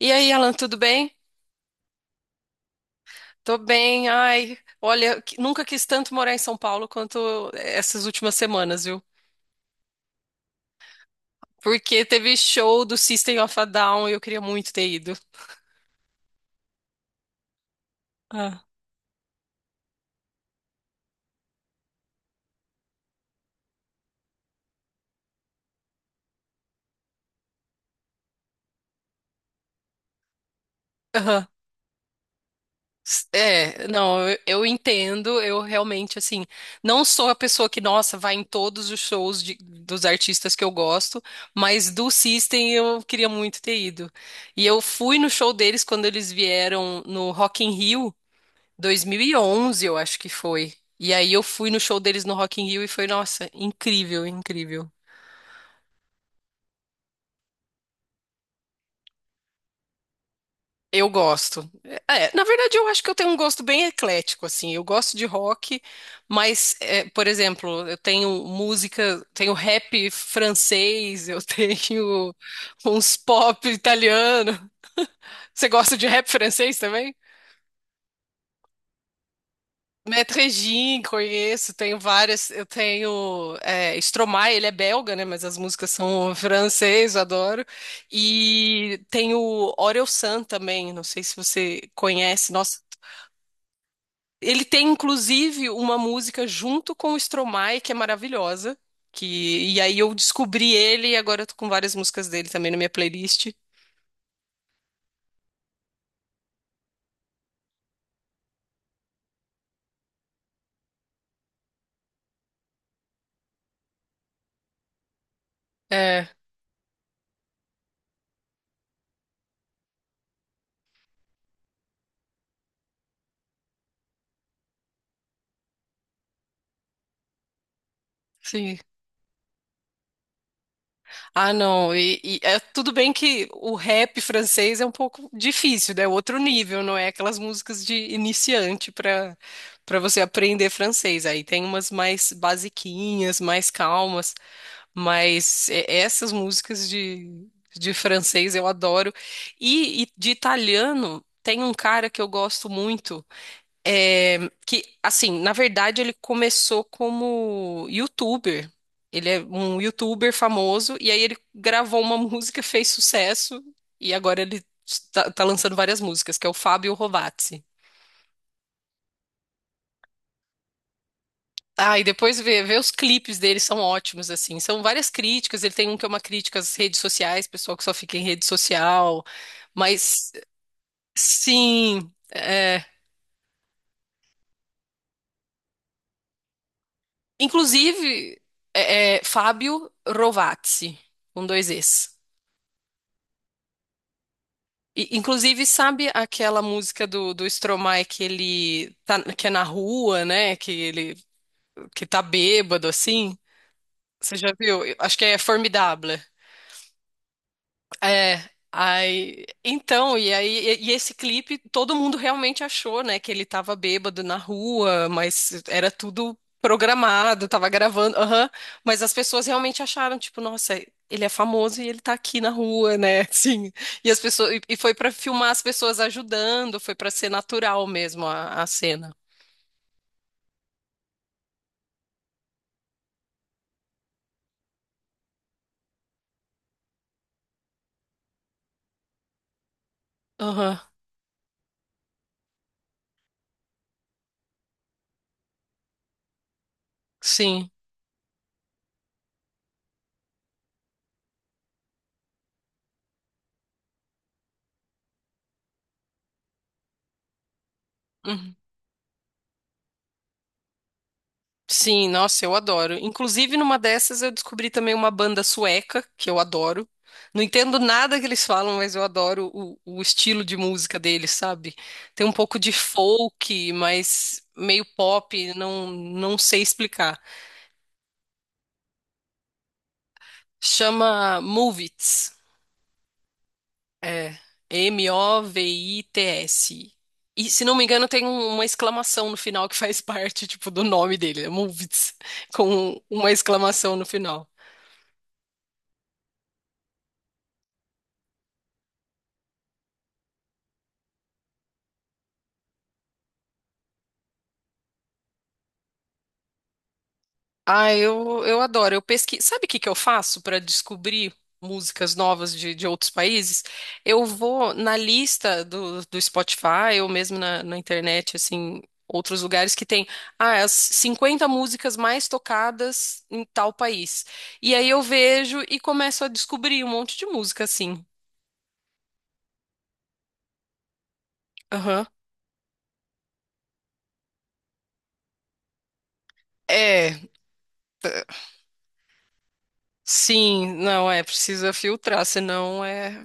E aí, Alan, tudo bem? Tô bem. Ai, olha, nunca quis tanto morar em São Paulo quanto essas últimas semanas, viu? Porque teve show do System of a Down e eu queria muito ter ido. Ah. Aham. É, não, eu entendo, eu realmente, assim, não sou a pessoa que, nossa, vai em todos os shows dos artistas que eu gosto, mas do System eu queria muito ter ido. E eu fui no show deles quando eles vieram no Rock in Rio, 2011, eu acho que foi. E aí eu fui no show deles no Rock in Rio e foi, nossa, incrível, incrível. Eu gosto. É, na verdade, eu acho que eu tenho um gosto bem eclético, assim. Eu gosto de rock, mas, é, por exemplo, eu tenho música, tenho rap francês, eu tenho uns pop italiano. Você gosta de rap francês também? Metrejim, conheço, tenho várias. Eu tenho é, Stromae, ele é belga, né? Mas as músicas são francês, eu adoro. E tenho Orelsan também, não sei se você conhece. Nossa, ele tem inclusive uma música junto com o Stromae que é maravilhosa. Que, e aí eu descobri ele e agora eu tô com várias músicas dele também na minha playlist. É, sim. Ah, não. E é tudo bem que o rap francês é um pouco difícil, né? É outro nível, não é aquelas músicas de iniciante para para você aprender francês. Aí tem umas mais basiquinhas, mais calmas, mas essas músicas de francês eu adoro. E de italiano tem um cara que eu gosto muito. É, que, assim, na verdade ele começou como youtuber. Ele é um youtuber famoso e aí ele gravou uma música, fez sucesso e agora ele tá lançando várias músicas, que é o Fábio Rovazzi. Ah, e depois vê os clipes dele, são ótimos, assim. São várias críticas, ele tem um que é uma crítica às redes sociais, pessoal que só fica em rede social. Mas, sim, é, inclusive, Fábio Rovazzi, com dois Es. E, inclusive, sabe aquela música do Stromae que ele tá, que é na rua, né? Que ele que tá bêbado assim? Você já viu? Eu acho que é Formidable. É, aí, então, e aí, e esse clipe, todo mundo realmente achou, né, que ele tava bêbado na rua, mas era tudo programado, tava gravando, aham, mas as pessoas realmente acharam, tipo, nossa, ele é famoso e ele tá aqui na rua, né, assim, e as pessoas, e foi pra filmar as pessoas ajudando, foi pra ser natural mesmo a cena. Aham, sim. Uhum. Sim, nossa, eu adoro. Inclusive, numa dessas eu descobri também uma banda sueca que eu adoro. Não entendo nada que eles falam, mas eu adoro o estilo de música deles, sabe? Tem um pouco de folk, mas meio pop, não, não sei explicar. Chama Movits. É, M-O-V-I-T-S. E, se não me engano, tem uma exclamação no final que faz parte, tipo, do nome dele, é Movits, com uma exclamação no final. Ah, eu adoro. Eu pesquiso. Sabe o que que eu faço para descobrir músicas novas de outros países? Eu vou na lista do Spotify ou mesmo na internet, assim, outros lugares que tem ah, as 50 músicas mais tocadas em tal país. E aí eu vejo e começo a descobrir um monte de música, assim. Aham. É, sim, não é, precisa filtrar, senão é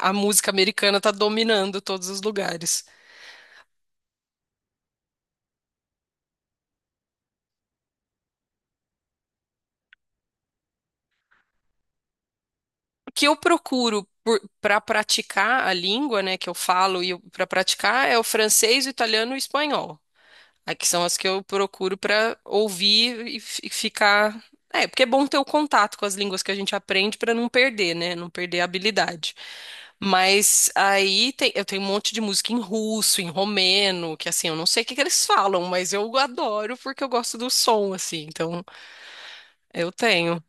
a música americana tá dominando todos os lugares. O que eu procuro para praticar a língua, né, que eu falo e para praticar é o francês, o italiano e o espanhol. Aí que são as que eu procuro para ouvir e ficar. É, porque é bom ter o contato com as línguas que a gente aprende para não perder, né? Não perder a habilidade. Mas aí eu tenho um monte de música em russo, em romeno, que assim, eu não sei o que que eles falam, mas eu adoro porque eu gosto do som, assim. Então, eu tenho.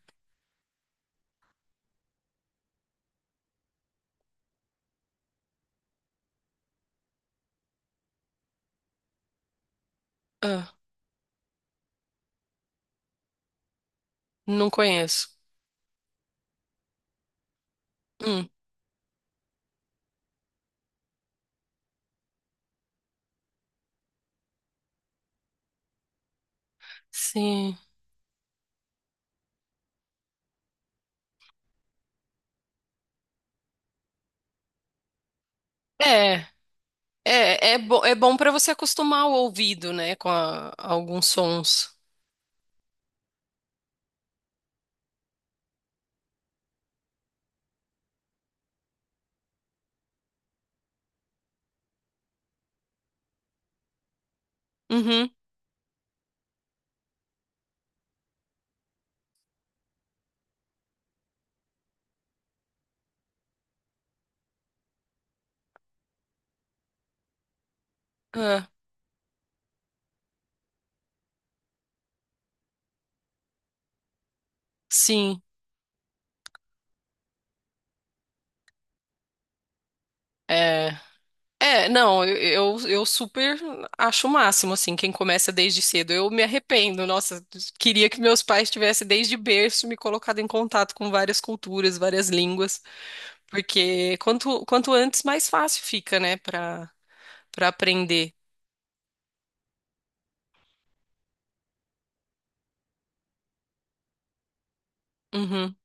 Ah, não conheço. Hum, sim. É. É, é, bo é bom para você acostumar o ouvido, né, com alguns sons. Uhum, é, sim, é. É, não, eu super acho o máximo, assim, quem começa desde cedo. Eu me arrependo, nossa, queria que meus pais tivessem desde berço me colocado em contato com várias culturas, várias línguas, porque quanto antes, mais fácil fica, né, para para aprender. Uhum,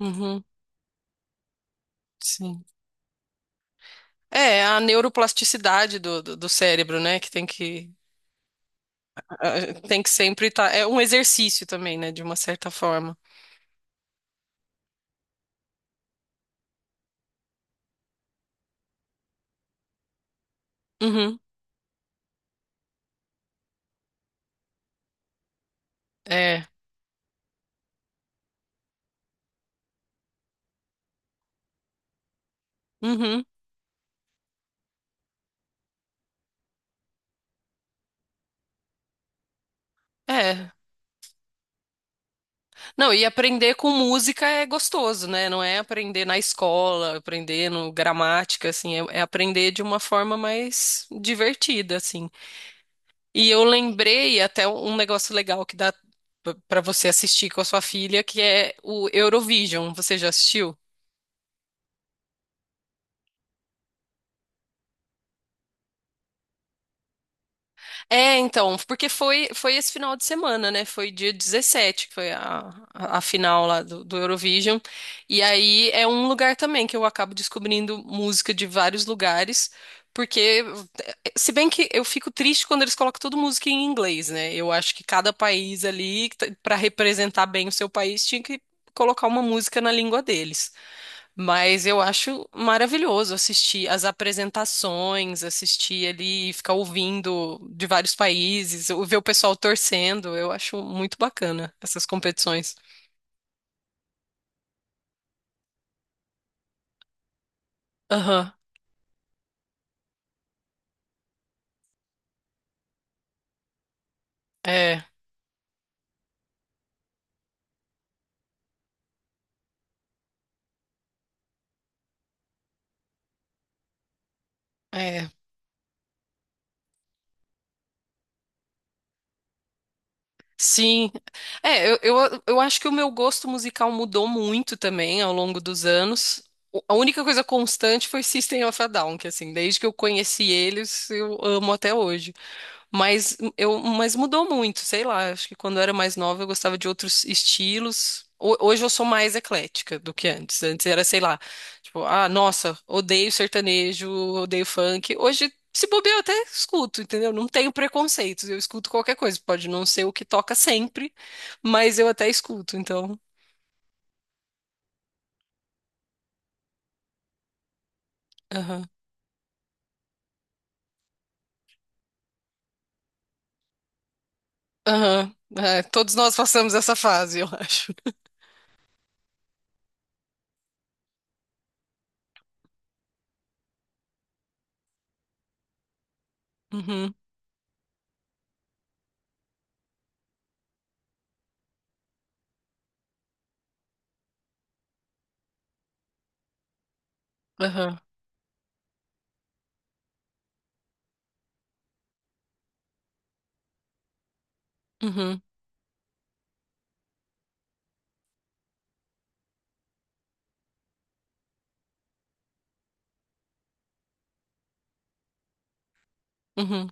uhum, sim. É, a neuroplasticidade do cérebro, né? Que tem que Ah, tem que sempre estar. É um exercício também, né? De uma certa forma. Uhum. É. Uhum. É. Não, e aprender com música é gostoso, né? Não é aprender na escola, aprender no gramática, assim, é, é aprender de uma forma mais divertida, assim. E eu lembrei até um negócio legal que dá pra pra você assistir com a sua filha, que é o Eurovision. Você já assistiu? É, então, porque foi esse final de semana, né? Foi dia 17 que foi a final lá do Eurovision. E aí é um lugar também que eu acabo descobrindo música de vários lugares, porque, se bem que eu fico triste quando eles colocam toda música em inglês, né? Eu acho que cada país ali, para representar bem o seu país, tinha que colocar uma música na língua deles. Mas eu acho maravilhoso assistir as apresentações, assistir ali, ficar ouvindo de vários países, ou ver o pessoal torcendo. Eu acho muito bacana essas competições. Aham, é, é. Sim. É, eu acho que o meu gosto musical mudou muito também ao longo dos anos. A única coisa constante foi System of a Down, que assim, desde que eu conheci eles, eu amo até hoje. Mas eu, mas mudou muito, sei lá. Acho que quando eu era mais nova eu gostava de outros estilos. Hoje eu sou mais eclética do que antes. Antes era, sei lá, tipo, ah, nossa, odeio sertanejo, odeio funk. Hoje, se bobear, eu até escuto, entendeu? Não tenho preconceitos, eu escuto qualquer coisa. Pode não ser o que toca sempre, mas eu até escuto, então. Aham. Aham. É, todos nós passamos essa fase, eu acho. Uhum. Aham. Uhum. Uhum.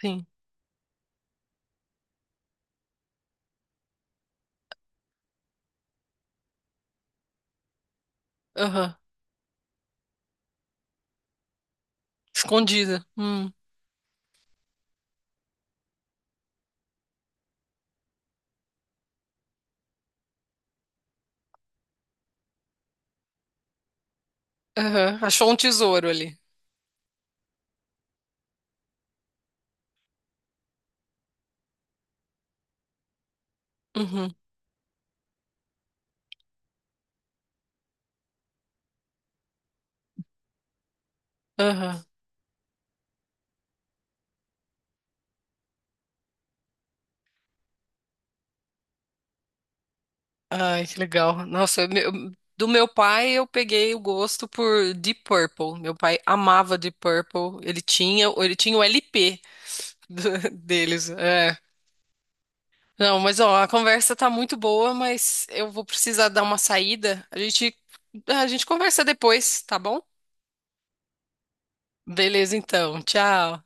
Sim. Aham. Escondida. Hum. Aham, achou um tesouro ali. Uhum. Aham. Ai, que legal. Nossa, do meu pai eu peguei o gosto por Deep Purple. Meu pai amava Deep Purple. Ele tinha o LP do- deles. É. Não, mas ó, a conversa tá muito boa, mas eu vou precisar dar uma saída. A gente conversa depois, tá bom? Beleza, então. Tchau.